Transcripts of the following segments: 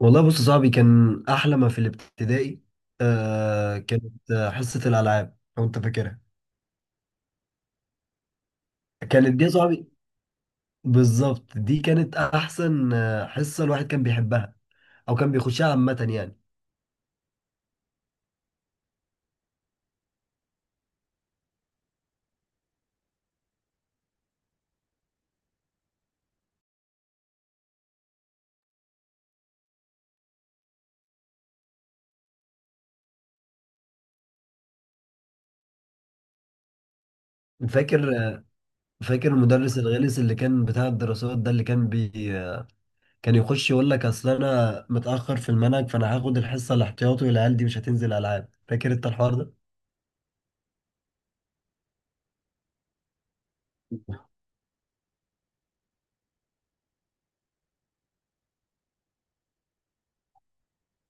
والله بص يا صاحبي كان احلى ما في الابتدائي. كانت حصه الالعاب لو انت فاكرها. كانت دي يا صاحبي، بالظبط دي كانت احسن، حصه الواحد كان بيحبها او كان بيخشها عامه يعني. فاكر فاكر المدرس الغلس اللي كان بتاع الدراسات ده اللي كان بي كان يخش يقول لك اصل انا متاخر في المنهج فانا هاخد الحصه الاحتياطي والعيال دي مش هتنزل العاب. فاكر انت الحوار ده؟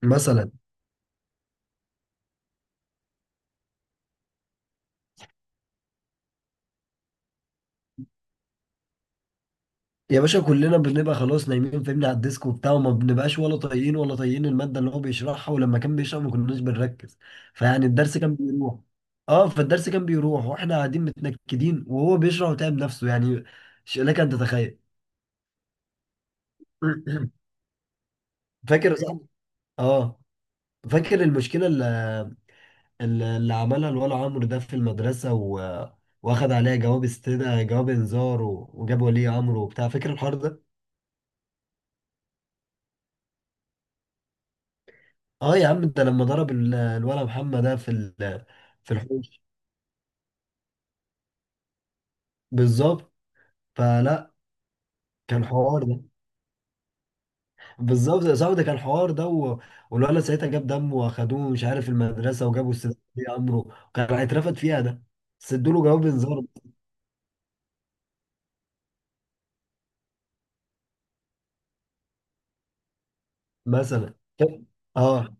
مثلا يا باشا كلنا بنبقى خلاص نايمين فاهمني على الديسك وبتاع، وما بنبقاش ولا طايقين المادة اللي هو بيشرحها، ولما كان بيشرح ما كناش بنركز فيعني الدرس كان بيروح. اه، فالدرس كان بيروح واحنا قاعدين متنكدين وهو بيشرح وتعب نفسه يعني. لك ان تتخيل. فاكر يا صاحبي؟ اه، فاكر المشكلة اللي عملها الولا عمرو ده في المدرسة، واخد عليها جواب استدعاء، جواب انذار، وجاب ولي امره وبتاع. فاكر الحوار ده؟ اه يا عم ده لما ضرب الولا محمد ده في في الحوش. بالظبط. فلا كان حوار ده. بالظبط يا صاحبي ده كان حوار ده والولا ساعتها جاب دمه واخدوه مش عارف المدرسه وجابوا استاذ ولي امره، وكان هيترفد فيها ده، بس ادوا له جواب انذار. مثلا اه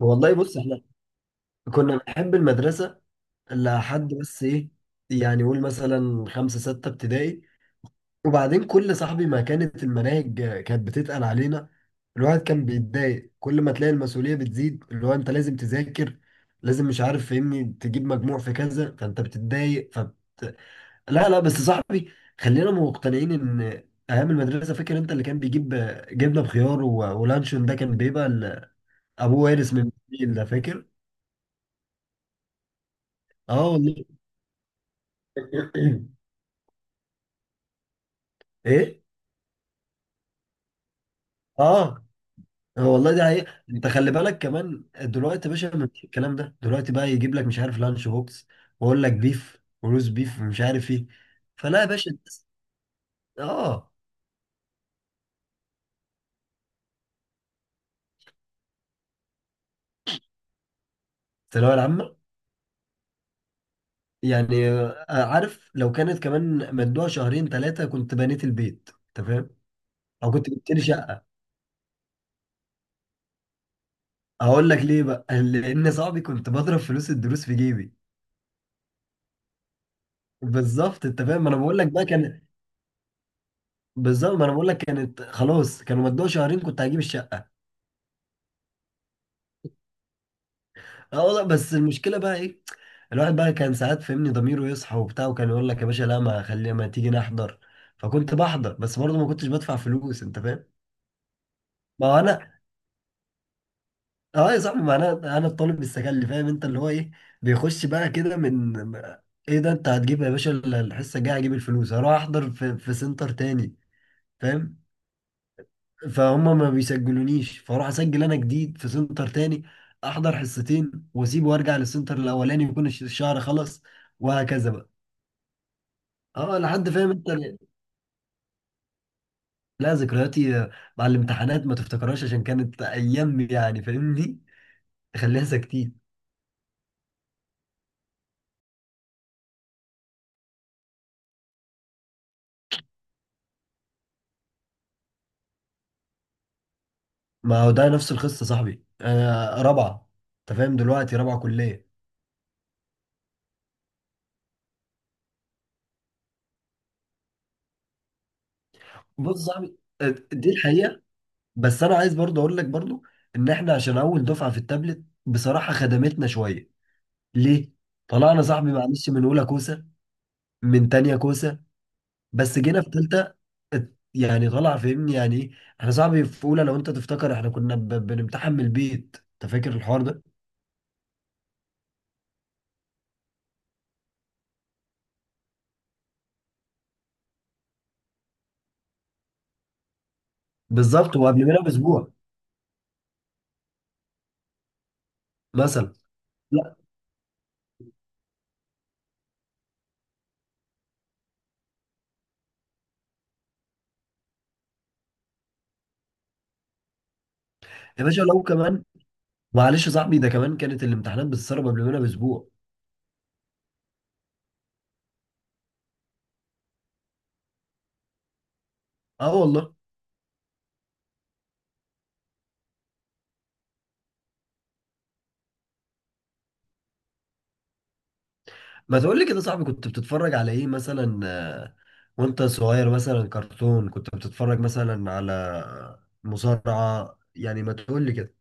والله بص، احنا كنا بنحب المدرسه لحد بس ايه، يعني قول مثلا خمسه سته ابتدائي، وبعدين كل صاحبي ما كانت المناهج كانت بتتقل علينا، الواحد كان بيتضايق. كل ما تلاقي المسؤولية بتزيد اللي هو انت لازم تذاكر، لازم مش عارف فاهمني تجيب مجموع في كذا، فانت بتتضايق لا بس صاحبي، خلينا مقتنعين ان ايام المدرسة. فاكر انت اللي كان بيجيب جبنة بخيار ولانشون؟ ده كان بيبقى ابوه وارث من الجيل ده، فاكر؟ اه والله. ايه. اه، هو والله ده حقيقة. انت خلي بالك كمان دلوقتي يا باشا، مفيش الكلام ده دلوقتي بقى، يجيب لك مش عارف لانش بوكس، واقول لك بيف وروز بيف ومش عارف ايه. فلا يا باشا الناس- اه. الثانوية العامة، يعني عارف لو كانت كمان مدوها شهرين ثلاثة كنت بنيت البيت. انت فاهم؟ او كنت جبت لي شقة. اقول لك ليه بقى لان صاحبي كنت بضرب فلوس الدروس في جيبي. بالظبط، انت فاهم؟ ما انا بقول لك بقى كان. بالظبط ما انا بقول لك، كانت خلاص كانوا مدوها شهرين كنت هجيب الشقة. اه والله، بس المشكلة بقى ايه؟ الواحد بقى كان ساعات فهمني ضميره يصحى وبتاع، وكان يقول لك يا باشا لا، ما خلي ما تيجي نحضر. فكنت بحضر بس برضه ما كنتش بدفع فلوس، انت فاهم؟ ما هو انا. اه يا صاحبي، ما انا الطالب السكلي، فاهم انت اللي هو ايه، بيخش بقى كده من، ايه ده انت هتجيب يا باشا؟ الحصه الجايه هجيب الفلوس هروح احضر في سنتر تاني، فاهم؟ فهم ما بيسجلونيش، فاروح اسجل انا جديد في سنتر تاني، احضر حصتين واسيب وارجع للسنتر الاولاني يكون الشهر خلص، وهكذا بقى. اه لحد فاهم انت. لا، ذكرياتي مع الامتحانات ما تفتكرهاش، عشان كانت ايام يعني فاهمني، خليها ساكتين. ما هو ده نفس القصه صاحبي، انا رابعه. انت فاهم دلوقتي؟ رابعه كليه. بص صاحبي، دي الحقيقه. بس انا عايز برضه اقول لك برضه ان احنا عشان اول دفعه في التابلت بصراحه خدمتنا شويه. ليه؟ طلعنا صاحبي معلش من اولى كوسه، من تانية كوسه، بس جينا في تالتة يعني طلع فاهمني يعني ايه، احنا صاحبي في اولى لو انت تفتكر احنا كنا بنمتحن من البيت، انت فاكر الحوار ده؟ بالظبط، وقبل منها باسبوع مثلا. لا يا باشا لو كمان، معلش يا صاحبي، ده كمان كانت الامتحانات بتتسرب قبل منها باسبوع. اه والله. ما تقول لي كده يا صاحبي، كنت بتتفرج على ايه مثلا وانت صغير؟ مثلا كرتون كنت بتتفرج مثلا على مصارعة يعني؟ ما تقول لي كده.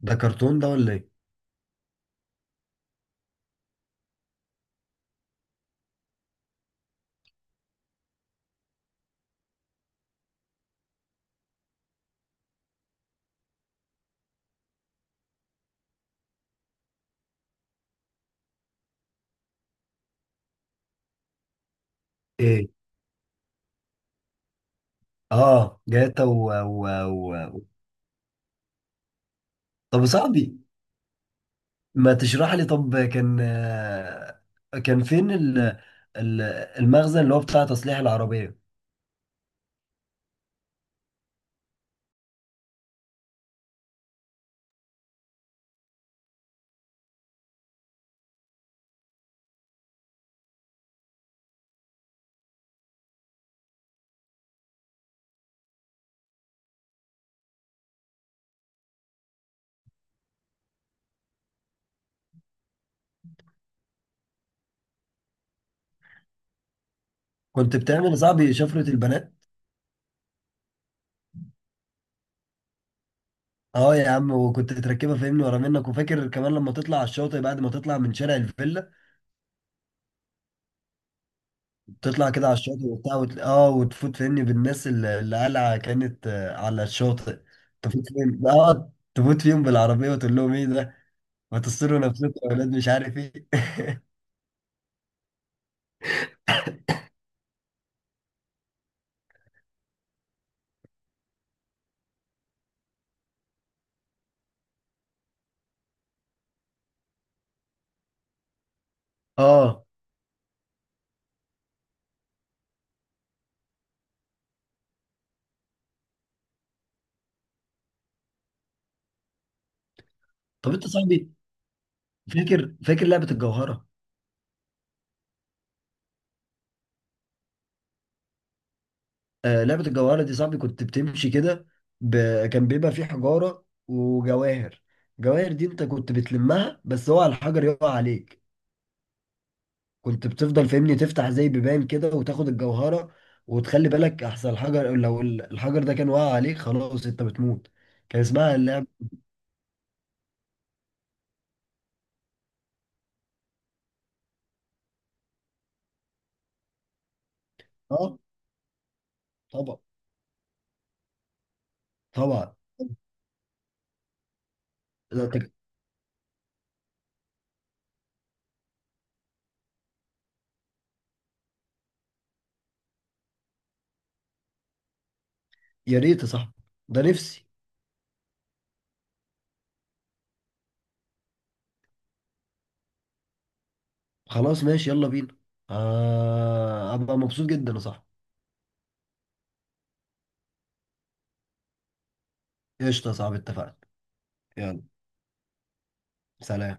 ده كرتون ده ولا ايه؟ ايه؟ اه، جاتا و... طب يا صاحبي، ما تشرح لي، طب كان، كان فين ال- المخزن اللي هو بتاع تصليح العربية؟ كنت بتعمل يا صاحبي شفرة البنات؟ اه يا عم، وكنت تركبها فاهمني ورا منك. وفاكر كمان لما تطلع على الشاطئ بعد ما تطلع من شارع الفيلا، تطلع كده على الشاطئ وبتاع، اه، وتفوت فاهمني بالناس اللي قلعة كانت على الشاطئ، تفوت فيهم، اه تفوت فيهم بالعربية وتقول لهم ايه ده، ما تصروا نفسكم يا ولاد مش عارف ايه. اه، طب انت صاحبي فاكر لعبة الجوهرة؟ لعبة الجواهرة دي صاحبي كنت بتمشي كده، ب... كان بيبقى في حجارة وجواهر. جواهر دي انت كنت بتلمها بس هو على الحجر يقع عليك، كنت بتفضل فاهمني تفتح زي بيبان كده وتاخد الجوهرة، وتخلي بالك احسن الحجر، لو الحجر ده كان واقع عليك خلاص انت بتموت. كان اسمها اللعبة. اه، طبعا، طبعا. ده انت- يا ريت يا صاحبي، ده نفسي. خلاص ماشي يلا بينا. ابقى مبسوط جدا يا صاحبي. قشطة يا صاحبي، اتفقنا. يلا سلام.